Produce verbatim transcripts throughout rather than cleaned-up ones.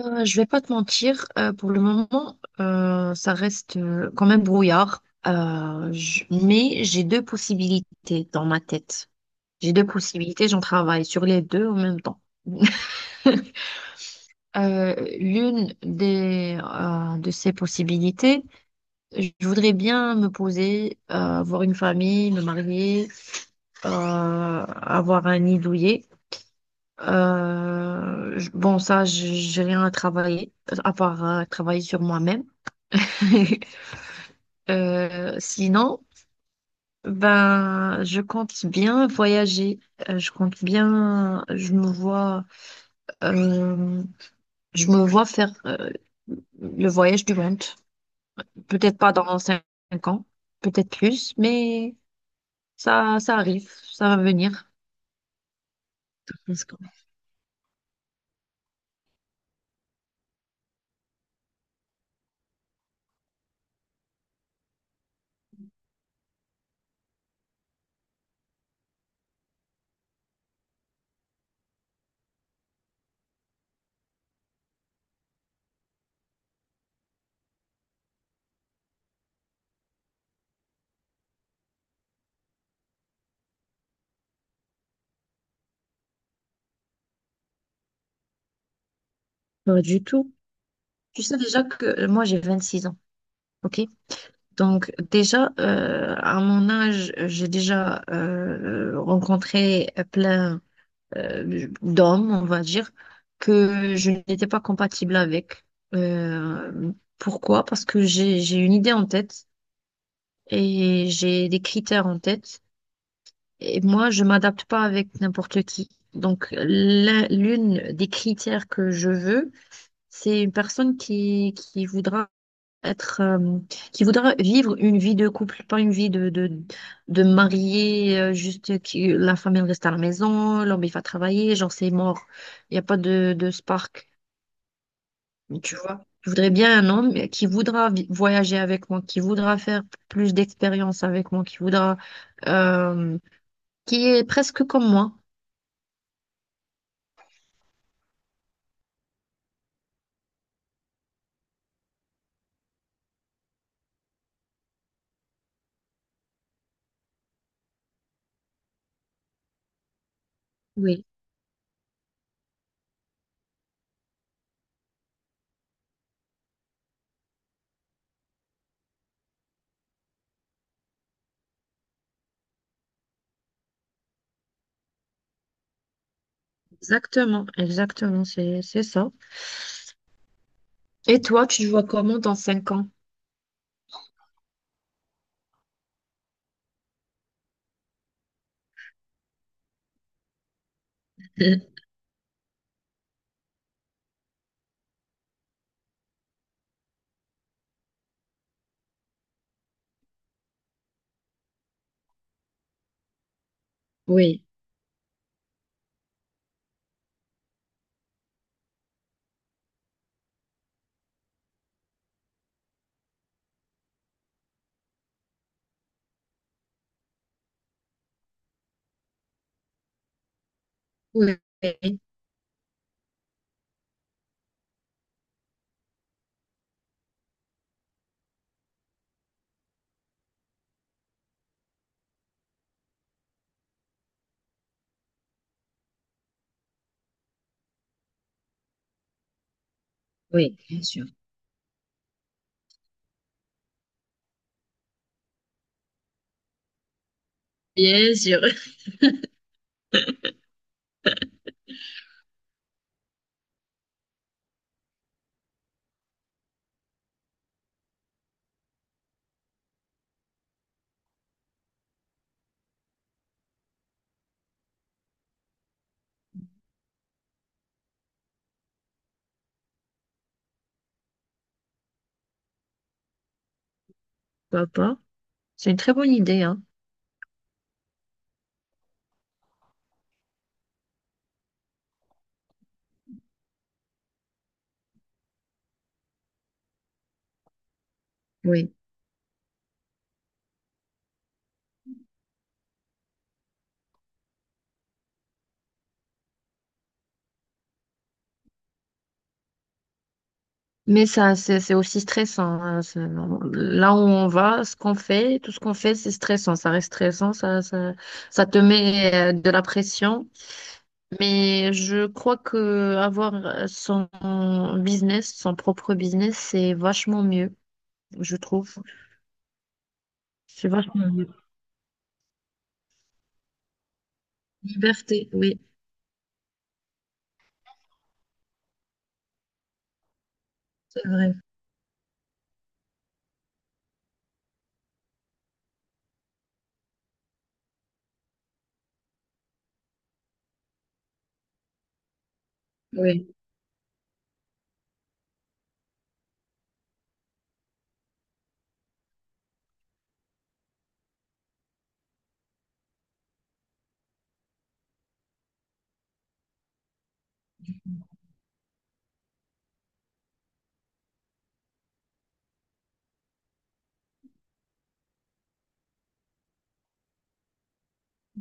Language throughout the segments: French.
Euh, je vais pas te mentir, euh, pour le moment, euh, ça reste euh, quand même brouillard. Euh, je- mais j'ai deux possibilités dans ma tête. J'ai deux possibilités, j'en travaille sur les deux en même temps. Euh, L'une des euh, de ces possibilités, je voudrais bien me poser, euh, avoir une famille, me marier, euh, avoir un nid douillet. Euh, je- bon, ça, j- j'ai rien à travailler, à part euh, travailler sur moi-même. Euh, sinon, ben, je compte bien voyager. Euh, je compte bien, je me vois, euh, je me vois faire euh, le voyage du monde. Peut-être pas dans cinq ans, peut-être plus, mais ça, ça arrive, ça va venir. Parce que- Pas du tout. Tu sais déjà que moi j'ai vingt-six ans, ok? Donc déjà, euh, à mon âge, j'ai déjà euh, rencontré plein euh, d'homme, on va dire, que je n'étais pas compatible avec. Euh, Pourquoi? Parce que j'ai, j'ai une idée en tête et j'ai des critères en tête. Et moi, je m'adapte pas avec n'importe qui. Donc, l'un- l'une des critères que je veux, c'est une personne qui, qui voudra être euh, qui voudrait vivre une vie de couple, pas une vie de de, de marié, euh, juste que la femme elle reste à la maison, l'homme il va travailler, genre c'est mort. Il n'y a pas de, de spark, tu vois. Je voudrais bien un homme qui voudra vi- voyager avec moi, qui voudra faire plus d'expériences avec moi, qui voudra euh, qui est presque comme moi. Oui, exactement, exactement, c'est c'est ça. Et toi, tu te vois comment dans cinq ans? Oui, oui, oui, bien sûr. Bien sûr. Pourquoi pas? C'est une très bonne idée, hein. Oui. Mais ça, c'est c'est aussi stressant. Hein. C'est- Là où on va, ce qu'on fait, tout ce qu'on fait, c'est stressant. Ça reste stressant, ça, ça, ça te met euh, de la pression. Mais je crois que avoir euh, son business, son propre business, c'est vachement mieux, je trouve. C'est vachement mieux. Liberté, oui, c'est vrai. Oui,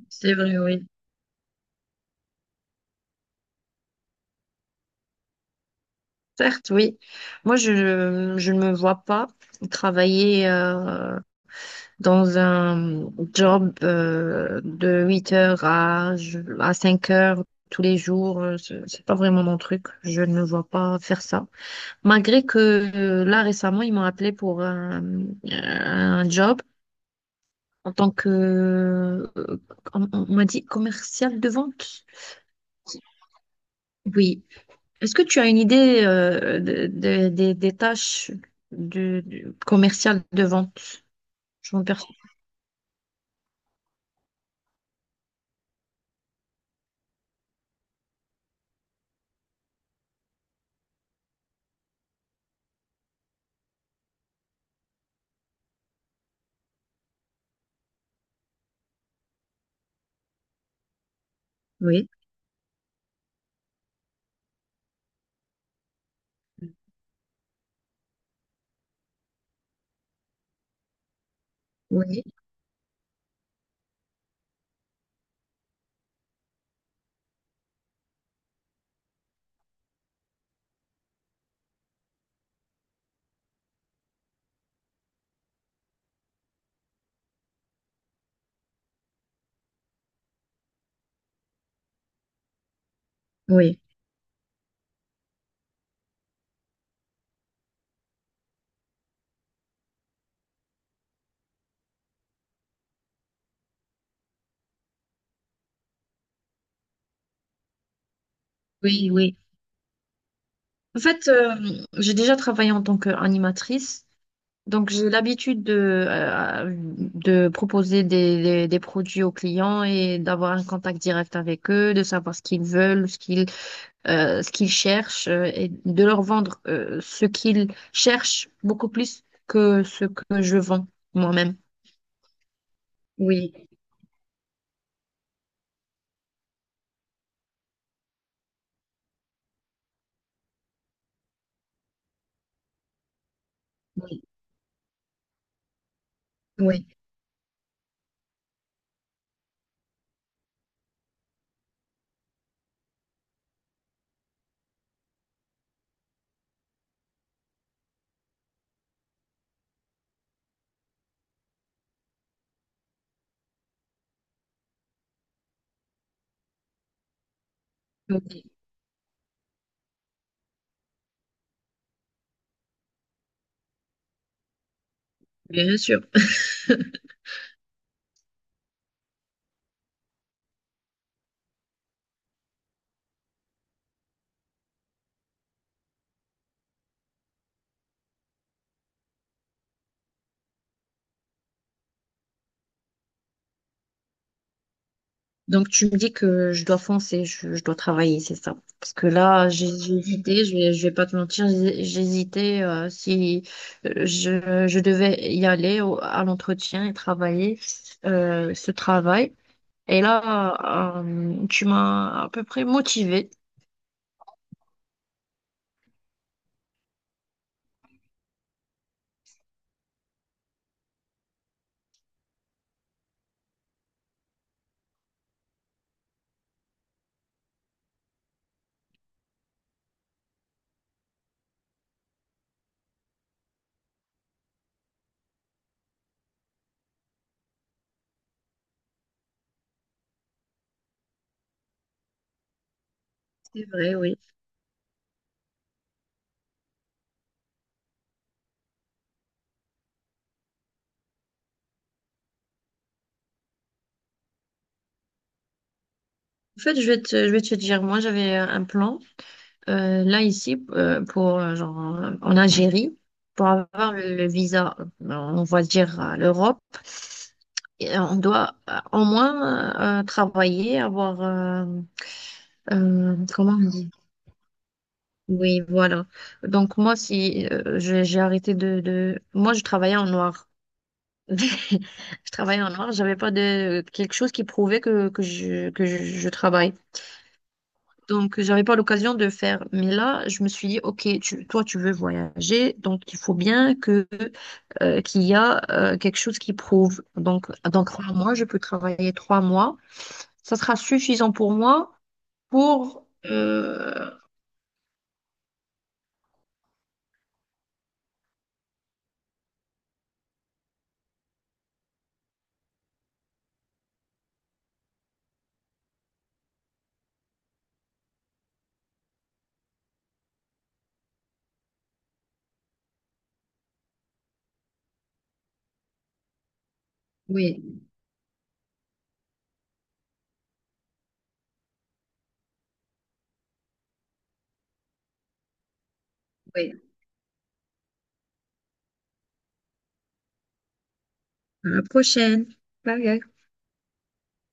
c'est vrai, oui. Certes, oui. Moi, je, je ne me vois pas travailler euh, dans un job euh, de huit heures à, je- à cinq heures tous les jours. Euh, C'est c'est pas vraiment mon truc. Je ne me vois pas faire ça. Malgré que euh, là, récemment, ils m'ont appelé pour un, euh, un job en tant que, euh, on on m'a dit commercial de vente. Oui, est-ce que tu as une idée euh, de- de- des des tâches du, du commercial de vente? Je m'en perçois. Oui, oui, oui, oui, oui. En fait, euh, j'ai déjà travaillé en tant qu'animatrice, donc j'ai l'habitude de, euh, de proposer des, des- des produits aux clients et d'avoir un contact direct avec eux, de savoir ce qu'ils veulent, ce qu'ils euh, ce qu'ils cherchent euh, et de leur vendre euh, ce qu'ils cherchent beaucoup plus que ce que je vends moi-même. Oui. Oui, oui, oui, bien sûr. Donc tu me dis que je dois foncer, je, je dois travailler, c'est ça. Parce que là, j'ai j'ai hésité, je vais, je vais pas te mentir, j'ai j'ai hésité euh, si euh, je, je devais y aller au- à l'entretien et travailler euh, ce travail. Et là, euh, tu m'as à peu près motivée. C'est vrai, oui. En fait, je vais te, je vais te dire, moi j'avais un plan. Euh, là, ici, euh, pour, euh, genre, en Algérie, pour avoir le visa, euh, on va dire à l'Europe, et on doit euh, au moins euh, travailler, avoir... euh, euh, comment on dit? Oui, voilà. Donc, moi, si euh, j'ai j'ai arrêté de, de... Moi, je travaillais en noir. Je travaillais en noir, j'avais pas de quelque chose qui prouvait que, que je, que je, je travaille. Donc, j'avais pas l'occasion de faire. Mais là, je me suis dit, OK, tu- toi, tu veux voyager, donc il faut bien que euh, qu'il y a euh, quelque chose qui prouve. Donc, dans trois mois, je peux travailler trois mois. Ça sera suffisant pour moi pour... euh, oui, oui. À la prochaine. Bye. Bye.